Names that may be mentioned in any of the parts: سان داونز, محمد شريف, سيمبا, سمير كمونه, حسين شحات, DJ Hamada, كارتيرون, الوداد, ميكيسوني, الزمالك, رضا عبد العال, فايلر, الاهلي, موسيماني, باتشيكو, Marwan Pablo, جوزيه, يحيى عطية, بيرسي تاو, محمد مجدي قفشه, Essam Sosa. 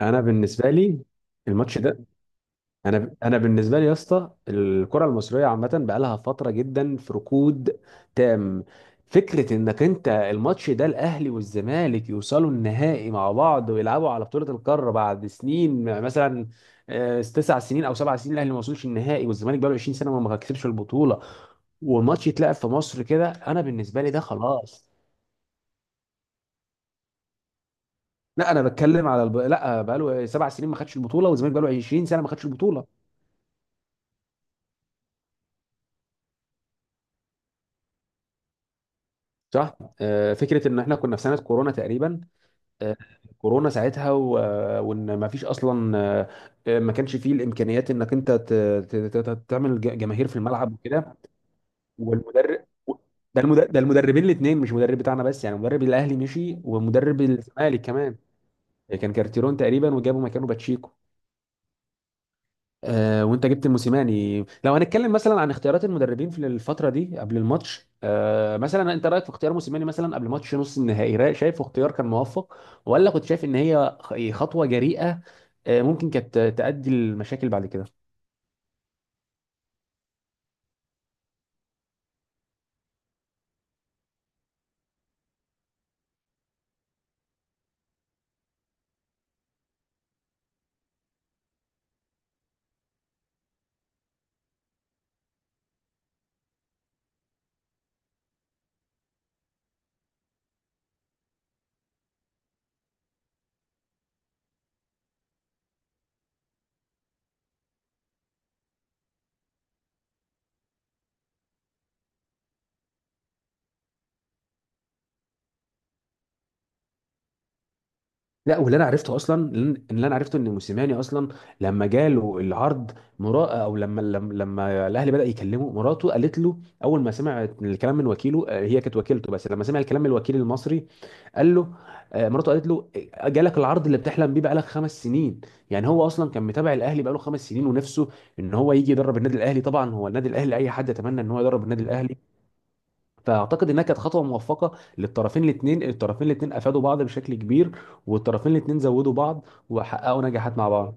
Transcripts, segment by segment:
انا بالنسبه لي الماتش ده، انا بالنسبه لي يا اسطى، الكره المصريه عامه بقى لها فتره جدا في ركود تام. فكره انك انت الماتش ده الاهلي والزمالك يوصلوا النهائي مع بعض ويلعبوا على بطوله القاره بعد سنين مثلا، 9 سنين او 7 سنين الاهلي ما وصلش النهائي، والزمالك بقى له 20 سنه ما كسبش البطوله، والماتش يتلعب في مصر كده. انا بالنسبه لي ده خلاص. لا انا بتكلم على لا، بقى له 7 سنين ما خدش البطوله، والزمالك بقى له 20 سنه ما خدش البطوله. صح. فكره ان احنا كنا في سنه كورونا تقريبا. آه، كورونا ساعتها وان ما فيش اصلا، ما كانش فيه الامكانيات انك انت تعمل جماهير في الملعب وكده. والمدرب ده، المدربين الاثنين، مش مدرب بتاعنا بس يعني، مدرب الاهلي مشي ومدرب الزمالك كمان. كان كارتيرون تقريبا، وجابوا مكانه باتشيكو. وانت جبت موسيماني، لو هنتكلم مثلا عن اختيارات المدربين في الفتره دي قبل الماتش، مثلا انت رايك في اختيار موسيماني مثلا قبل ماتش نص النهائي، رايك شايفه اختيار كان موفق، ولا كنت شايف ان هي خطوه جريئه ممكن كانت تؤدي لمشاكل بعد كده؟ لا، واللي انا عرفته اصلا، اللي انا عرفته ان موسيماني اصلا لما جاله العرض، مرا، او لما الاهلي بدا يكلمه مراته قالت له، اول ما سمع الكلام من وكيله، هي كانت وكيلته، بس لما سمع الكلام من الوكيل المصري قال له، مراته قالت له، جالك العرض اللي بتحلم بيه بقالك 5 سنين. يعني هو اصلا كان متابع الاهلي بقاله 5 سنين، ونفسه ان هو يجي يدرب النادي الاهلي. طبعا هو النادي الاهلي اي حد يتمنى ان هو يدرب النادي الاهلي. فاعتقد انها كانت خطوه موفقه للطرفين الاثنين، الطرفين الاثنين افادوا بعض بشكل كبير، والطرفين الاثنين زودوا بعض وحققوا نجاحات مع بعض.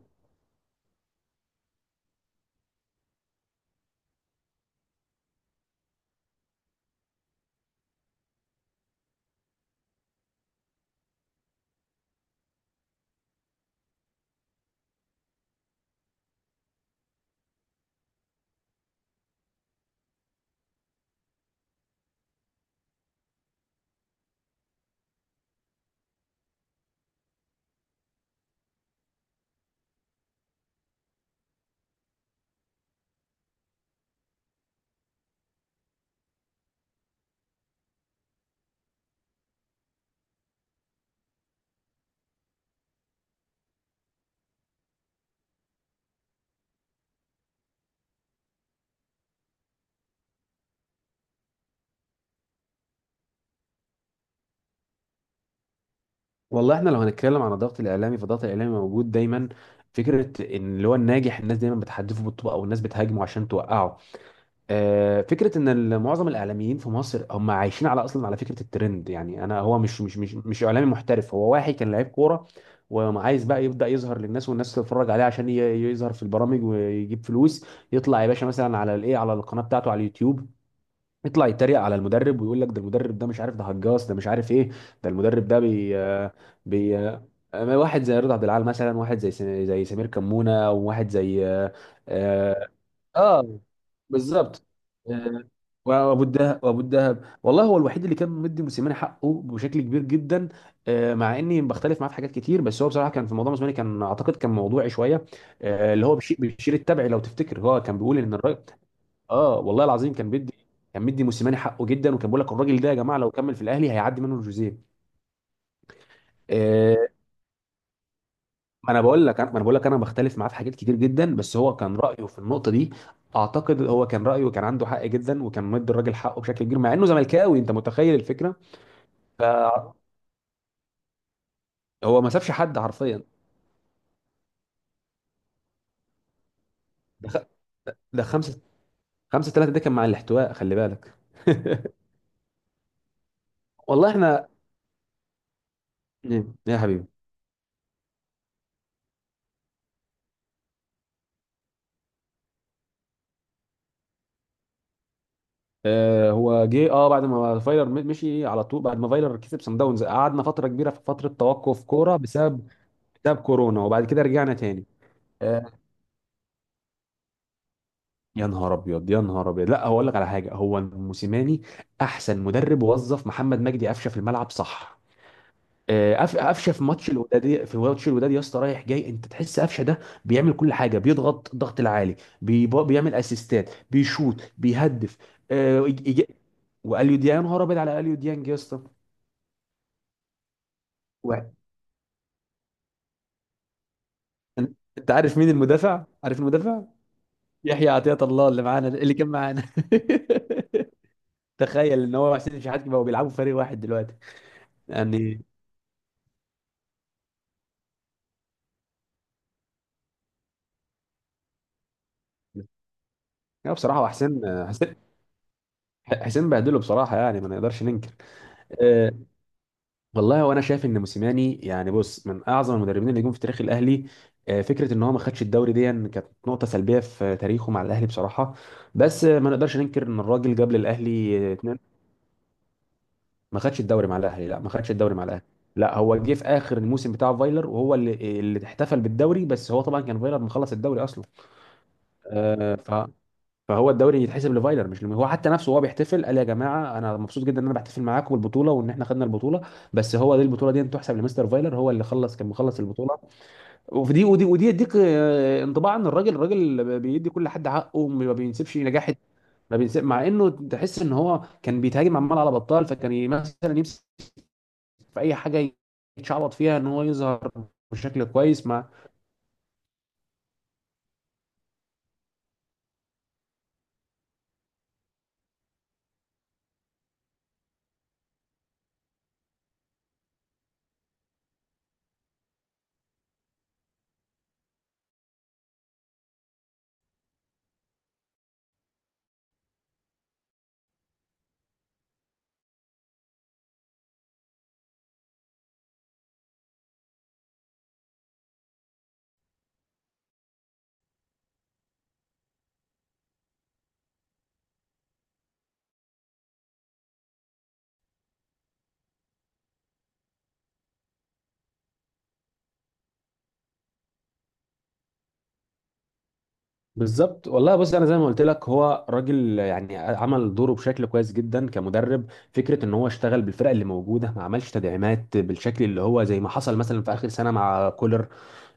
والله احنا لو هنتكلم عن الضغط الاعلامي، فالضغط الاعلامي موجود دايما. فكره ان اللي هو الناجح، الناس دايما بتحدفه بالطوبه، او الناس بتهاجمه عشان توقعه. فكره ان معظم الاعلاميين في مصر هم عايشين على اصلا على فكره الترند. يعني انا هو مش اعلامي محترف، هو واحد كان لعيب كوره وعايز بقى يبدا يظهر للناس، والناس تتفرج عليه، عشان يظهر في البرامج ويجيب فلوس. يطلع يا باشا مثلا على الايه، على القناه بتاعته، على اليوتيوب، يطلع يتريق على المدرب ويقول لك ده المدرب ده مش عارف، ده هجاص، ده مش عارف ايه. ده المدرب ده بي آه، بي آه، واحد زي رضا عبد العال مثلا، واحد زي زي سمير كمونه، وواحد زي آه، اه بالظبط، آه، وابو الدهب، والله هو الوحيد اللي كان مدي موسيماني حقه بشكل كبير جدا. مع اني بختلف معاه في حاجات كتير، بس هو بصراحه كان في موضوع موسيماني كان اعتقد كان موضوعي شويه. اللي هو بيشير التبعي، لو تفتكر، هو كان بيقول ان الراجل، اه والله العظيم كان بيدي، كان مدي موسيماني حقه جدا، وكان بيقول لك الراجل ده يا جماعه لو كمل في الاهلي هيعدي منه جوزيه. ما انا بقول لك انا ما انا بقول لك انا بختلف معاه في حاجات كتير جدا، بس هو كان رايه في النقطه دي، اعتقد هو كان رايه كان عنده حق جدا، وكان مدي الراجل حقه بشكل كبير مع انه زملكاوي، انت متخيل الفكره؟ فهو ما سابش حد حرفيا. ده خ... ده خمسه، خمسه ثلاثه، ده كان مع الاحتواء خلي بالك. والله احنا، ايه يا حبيبي؟ آه هو جه، اه بعد ما فايلر مشي، على طول بعد ما فايلر كسب سان داونز، قعدنا فتره كبيره في فتره توقف كوره بسبب، بسبب كورونا، وبعد كده رجعنا تاني. آه، يا نهار ابيض، يا نهار ابيض، لا هقول لك على حاجه، هو موسيماني احسن مدرب وظف محمد مجدي قفشه في الملعب، صح؟ قفشه في ماتش الوداد، في ماتش الوداد يا اسطى رايح جاي، انت تحس قفشه ده بيعمل كل حاجه، بيضغط الضغط العالي، بيعمل اسيستات، بيشوط، بيهدف. آه، إج- إج- واليو ديانج، يا نهار ابيض على اليو ديانج يا اسطى. و- أن- انت عارف مين المدافع؟ عارف المدافع؟ يحيى عطية الله، اللي معانا اللي كان معانا. تخيل ان هو حسين شحات بقوا بيلعبوا في فريق واحد دلوقتي يعني. لا بصراحة هو حسين، حسين حسين بهدله بصراحة، يعني ما نقدرش ننكر. أه. والله وانا شايف ان موسيماني يعني، بص، من اعظم المدربين اللي جم في تاريخ الاهلي. أه، فكرة ان هو ما خدش الدوري دي كانت نقطة سلبية في تاريخه مع الاهلي بصراحة. بس ما نقدرش ننكر ان الراجل جاب للاهلي، اتنين. ما خدش الدوري مع الاهلي، لا ما خدش الدوري مع الاهلي لا هو جه في اخر الموسم بتاع فايلر، وهو اللي احتفل بالدوري، بس هو طبعا كان فايلر مخلص الدوري اصلا. أه، فهو الدوري يتحسب لفايلر، مش لم... هو حتى نفسه وهو بيحتفل قال يا جماعه انا مبسوط جدا ان انا بحتفل معاكم بالبطوله وان احنا خدنا البطوله، بس هو دي، البطوله دي تحسب لمستر فايلر، هو اللي خلص، كان مخلص البطوله. وفي دي، ودي ودي يديك انطباع ان الراجل، الراجل بيدي كل حد حقه، ما بينسبش نجاح، ما بينسب، مع انه تحس ان هو كان بيتهاجم عمال على بطال. فكان مثلا يمسك في اي حاجه يتشعبط فيها ان هو يظهر بشكل كويس مع. بالظبط والله، بص انا زي ما قلت لك، هو راجل يعني عمل دوره بشكل كويس جدا كمدرب. فكره ان هو اشتغل بالفرق اللي موجوده، ما عملش تدعيمات بالشكل اللي هو زي ما حصل مثلا في اخر سنه مع كولر.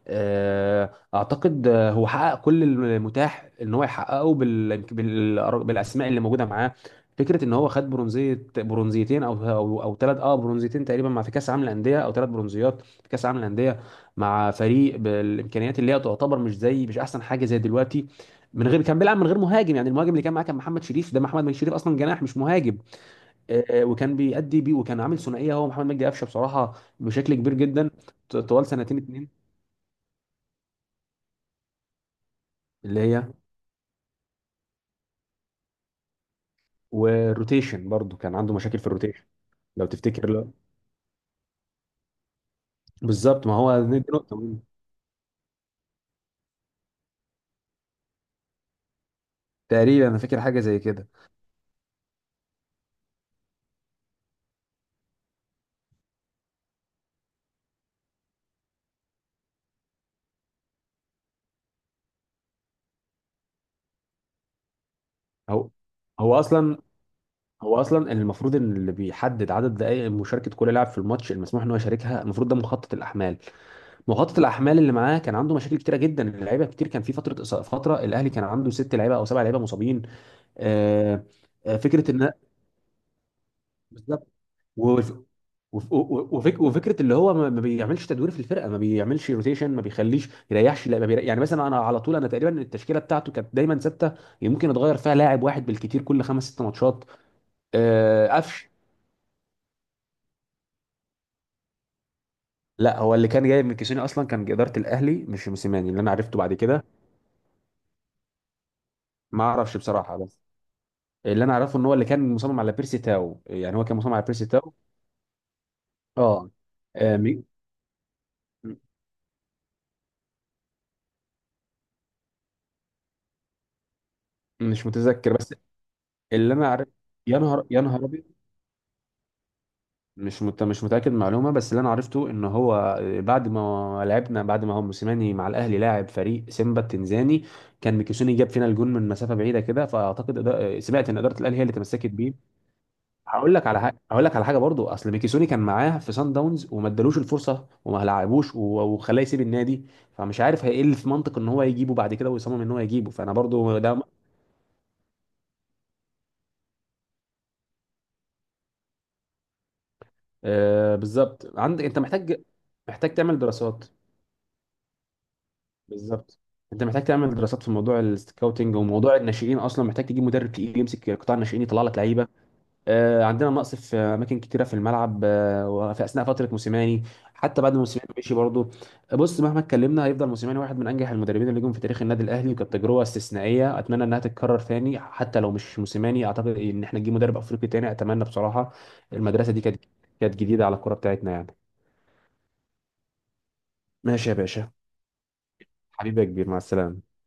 اعتقد هو حقق كل المتاح ان هو يحققه بالاسماء اللي موجوده معاه. فكره ان هو خد برونزيه، برونزيتين، او او ثلاث، اه برونزيتين تقريبا مع، في كاس عالم الانديه، او 3 برونزيات في كاس عالم الانديه، مع فريق بالامكانيات اللي هي تعتبر مش زي، مش احسن حاجه زي دلوقتي. من غير، كان بيلعب من غير مهاجم يعني، المهاجم اللي كان معاه كان محمد شريف، ده محمد مجدي شريف اصلا جناح مش مهاجم. وكان بيأدي بيه، وكان عامل ثنائيه هو محمد مجدي قفشه بصراحه بشكل كبير جدا طوال سنتين اتنين. اللي هي، والروتيشن برضو كان عنده مشاكل في الروتيشن لو تفتكر. لا بالظبط، ما هو دي نقطة مهمة. تقريبا انا فاكر حاجه زي كده. هو هو اصلا هو اصلا المفروض ان اللي بيحدد عدد دقائق مشاركه كل لاعب في الماتش، المسموح ان هو يشاركها، المفروض ده مخطط الاحمال. مخطط الاحمال اللي معاه كان عنده مشاكل كتيره جدا، اللعيبه كتير كان في فتره فتره الاهلي كان عنده 6 لعيبه او 7 لعيبه مصابين. آه، فكره ان، بالظبط، وف- وفكره اللي هو ما بيعملش تدوير في الفرقه، ما بيعملش روتيشن، ما بيخليش يريحش، لا ما بيريح. يعني مثلا انا على طول، انا تقريبا التشكيله بتاعته كانت دايما ثابته، يمكن اتغير فيها لاعب واحد بالكتير كل خمس ست ماتشات. آه، قفش لا، هو اللي كان جاي من كيسوني اصلا كان اداره الاهلي، مش موسيماني، اللي انا عرفته بعد كده. ما اعرفش بصراحه، بس اللي انا اعرفه ان هو اللي كان مصمم على بيرسي تاو يعني، هو كان مصمم على بيرسي تاو. اه، آه، مي- م- مش متذكر، بس اللي انا عارف، يا نهار، يا نهار ابيض، مش متاكد من المعلومه، بس اللي انا عرفته ان هو بعد ما لعبنا، بعد ما هو موسيماني مع الاهلي لاعب فريق سيمبا التنزاني، كان ميكيسوني جاب فينا الجون من مسافه بعيده كده، فاعتقد سمعت ان اداره الاهلي هي اللي تمسكت بيه. هقول لك على حاجه، برضو اصل ميكيسوني كان معاه في سان داونز وما ادالوش الفرصه وما لعبوش وخلاه يسيب النادي، فمش عارف هي ايه اللي في منطق ان هو يجيبه بعد كده ويصمم ان هو يجيبه، فانا برضو ده. آه بالظبط، عندك انت محتاج، محتاج تعمل دراسات، بالظبط، انت محتاج تعمل دراسات في موضوع السكاوتنج وموضوع الناشئين، اصلا محتاج تجيب مدرب تقيل يمسك قطاع الناشئين يطلع لك لعيبه. آه، عندنا نقص في اماكن كتيره في الملعب، آه، وفي اثناء فتره موسيماني، حتى بعد ما موسيماني مشي برضه. بص، مهما اتكلمنا هيفضل موسيماني واحد من انجح المدربين اللي جم في تاريخ النادي الاهلي، وكانت تجربه استثنائيه اتمنى انها تتكرر ثاني، حتى لو مش موسيماني، اعتقد ان احنا نجيب مدرب افريقي تاني اتمنى بصراحه. المدرسه دي كانت، كانت جديده على الكره بتاعتنا يعني. ماشي يا باشا. حبيبي يا كبير، مع السلامه.